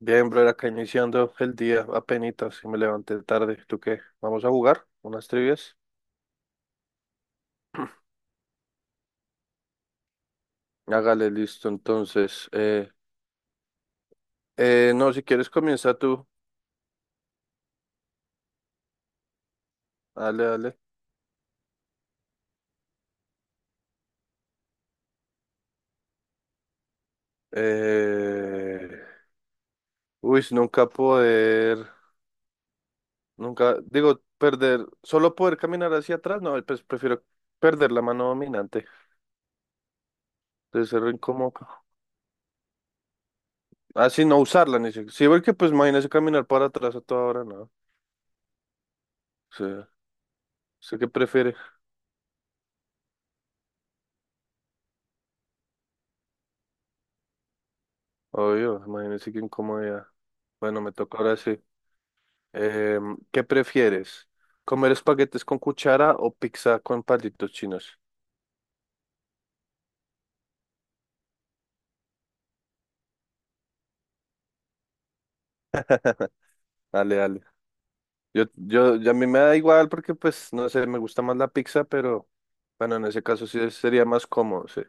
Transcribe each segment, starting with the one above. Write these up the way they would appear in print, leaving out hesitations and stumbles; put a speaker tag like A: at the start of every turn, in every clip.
A: Bien, bro, acá iniciando el día, apenitas, y me levanté tarde. ¿Tú qué? ¿Vamos a jugar unas trivias? Hágale, listo, entonces. No, si quieres comienza tú. Dale, dale. Eh, uy, nunca poder, nunca, digo, perder, solo poder caminar hacia atrás, no, pues prefiero perder la mano dominante. Debe ser re incómodo. Así no usarla, ni si, sí, porque pues imagínese caminar para atrás a toda hora, no. O sea, ¿usted qué prefiere? Obvio, imagínese qué incomodidad. Bueno, me toca ahora sí. ¿Qué prefieres? ¿Comer espaguetes con cuchara o pizza con palitos chinos? Dale, dale. A mí me da igual porque, pues, no sé, me gusta más la pizza, pero bueno, en ese caso sí sería más cómodo, sí.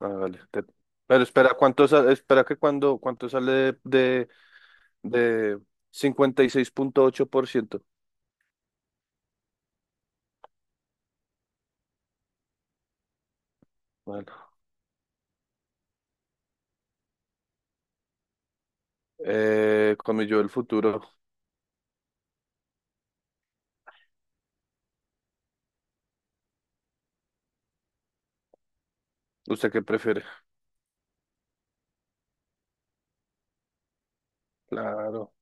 A: Ah, vale. Pero espera, espera que cuando, ¿cuánto sale de, 56.8%? Bueno, comí yo el futuro. ¿Usted qué prefiere? Claro,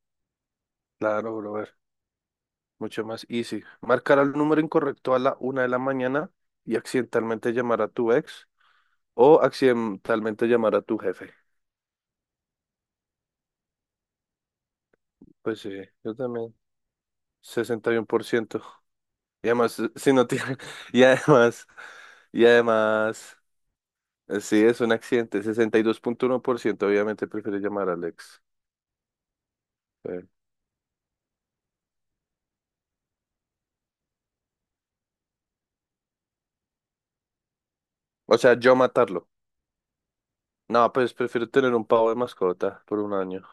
A: claro, bro. Mucho más easy. Marcar al número incorrecto a la una de la mañana y accidentalmente llamar a tu ex o accidentalmente llamar a tu jefe. Pues sí, yo también. 61% y además, si no tiene. Y además, y además, sí, es un accidente. 62.1% obviamente prefiere llamar al ex. Sí. O sea, yo matarlo. No, pues prefiero tener un pavo de mascota por un año.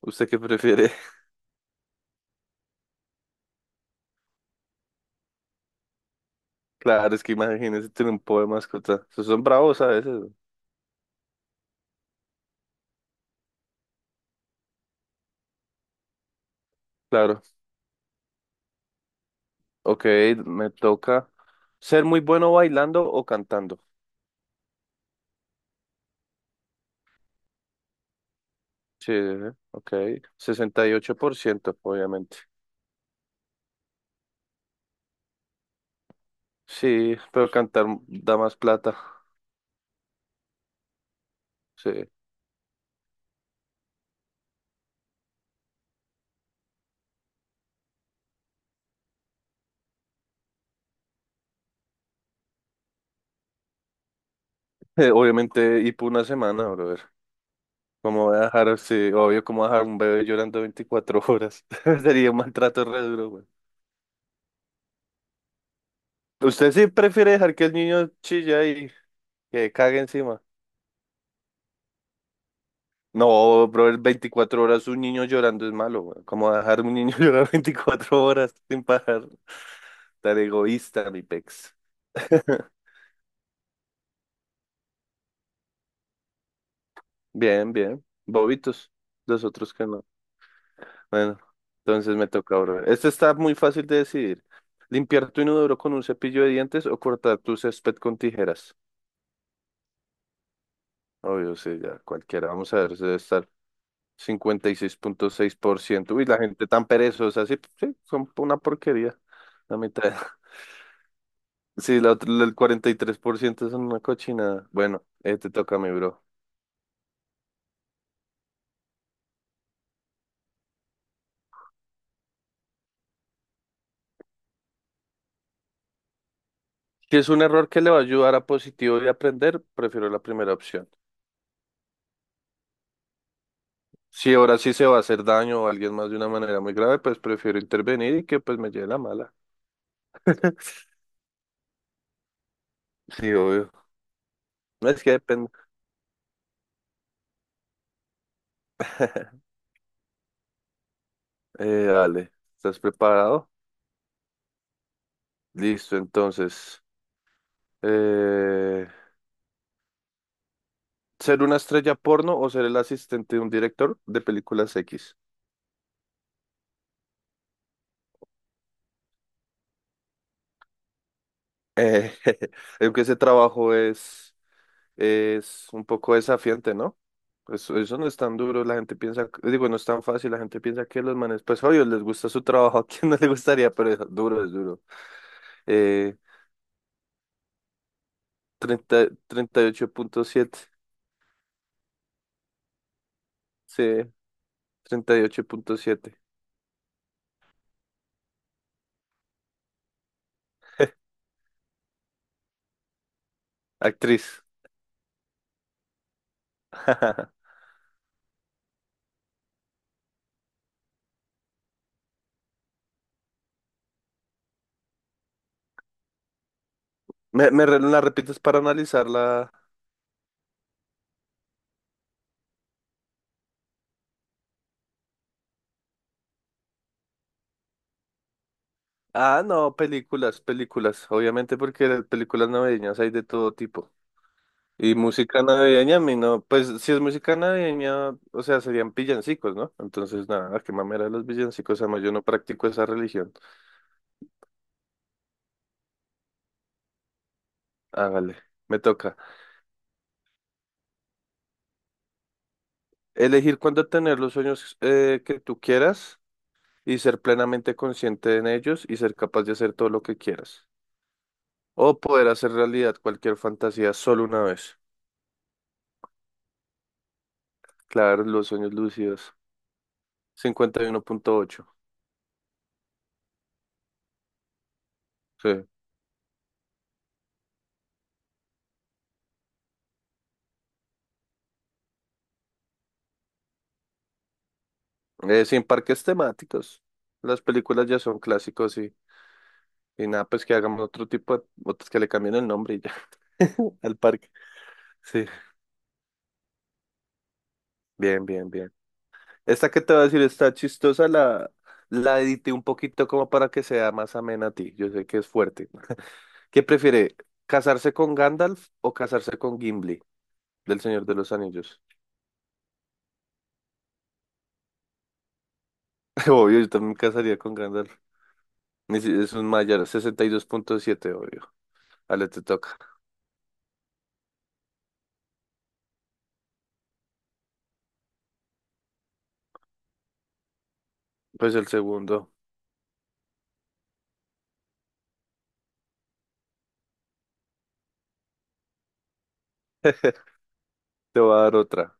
A: ¿Usted qué prefiere? Claro, es que imagínese tener un pavo de mascota. Esos son bravos a veces. Claro, ok, me toca ser muy bueno bailando o cantando. Sí, ok, 68%, obviamente. Sí, pero cantar da más plata. Sí. Obviamente, y por una semana, brother. ¿Cómo voy a dejar, sí, obvio, cómo dejar un bebé llorando 24 horas? Sería un maltrato re duro, güey. ¿Usted sí prefiere dejar que el niño chilla y que cague encima? No, brother, 24 horas un niño llorando es malo, güey. ¿Cómo dejar un niño llorar 24 horas sin parar? Tan egoísta, mi pex. Bien, bien. Bobitos. Los otros que no. Bueno, entonces me toca, brother. Este está muy fácil de decidir. ¿Limpiar tu inodoro con un cepillo de dientes o cortar tu césped con tijeras? Obvio, sí, ya cualquiera. Vamos a ver, se debe estar cincuenta y seis punto seis por ciento. Uy, la gente tan perezosa, sí, sí, son una porquería. La mitad. Sí, el 43% es una cochinada. Bueno, te toca a mí, bro. Si es un error que le va a ayudar a positivo y aprender, prefiero la primera opción. Si ahora sí se va a hacer daño a alguien más de una manera muy grave, pues prefiero intervenir y que pues me lleve la mala. Sí, obvio. No es que depende. Dale, ¿estás preparado? Listo, entonces. Eh, ¿Ser una estrella porno o ser el asistente de un director de películas X? Eh, aunque ese trabajo es un poco desafiante, ¿no? Eso no es tan duro, la gente piensa, digo, no es tan fácil, la gente piensa que los manes, pues obvio, les gusta su trabajo, ¿a quién no le gustaría? Pero es duro, es duro. Eh, treinta y ocho punto siete, sí, 38.7, actriz. ¿Me la repites para analizarla? Ah, no, películas, películas, obviamente porque las películas navideñas hay de todo tipo. Y música navideña, a mí no, pues si es música navideña, o sea, serían villancicos, ¿no? Entonces, nada, qué mamera de los villancicos, además yo no practico esa religión. Hágale, me toca. Elegir cuándo tener los sueños que tú quieras y ser plenamente consciente en ellos y ser capaz de hacer todo lo que quieras. O poder hacer realidad cualquier fantasía solo una vez. Claro, los sueños lúcidos. 51.8. Sí. Sin parques temáticos. Las películas ya son clásicos. Y nada, pues que hagamos otro tipo de, otros que le cambien el nombre y ya, al parque. Sí, bien, bien, bien. Esta que te voy a decir está chistosa, la edité un poquito como para que sea más amena a ti. Yo sé que es fuerte. ¿Qué prefiere, casarse con Gandalf o casarse con Gimli, del Señor de los Anillos? Obvio, yo también me casaría con Gandalf. Ni si- Es un mayor, 62.7, obvio. Ale, te toca. Pues el segundo. Te voy a dar otra.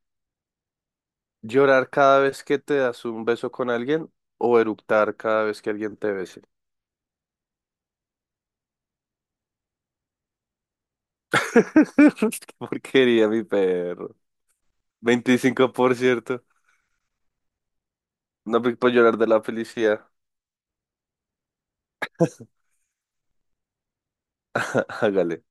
A: ¿Llorar cada vez que te das un beso con alguien o eructar cada vez que alguien te bese? Qué porquería, mi perro. 25%. No me puedo llorar de la felicidad. Hágale.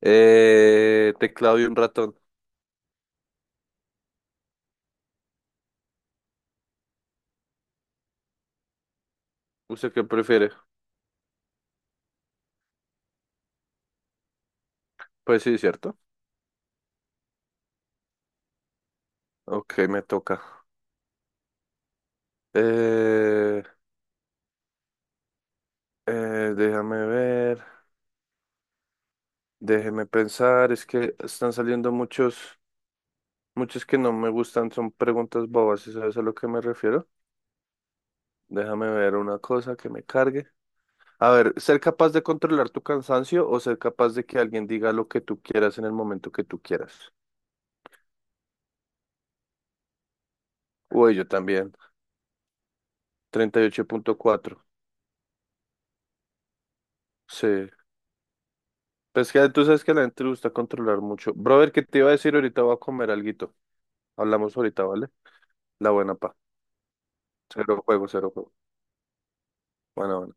A: Teclado y un ratón. ¿Usted qué prefiere? Pues sí, ¿cierto? Ok, me toca. Eh, eh, déjame ver. Déjeme pensar. Es que están saliendo muchos, muchos que no me gustan. Son preguntas bobas, ¿sabes a lo que me refiero? Déjame ver una cosa que me cargue. A ver, ser capaz de controlar tu cansancio o ser capaz de que alguien diga lo que tú quieras en el momento que tú quieras. Uy, yo también. 38.4. Sí. Pues que tú sabes que a la gente le gusta controlar mucho. Brother, ¿qué te iba a decir? Ahorita voy a comer alguito. Hablamos ahorita, ¿vale? La buena pa. Cero juego, cero juego. Bueno, bueno.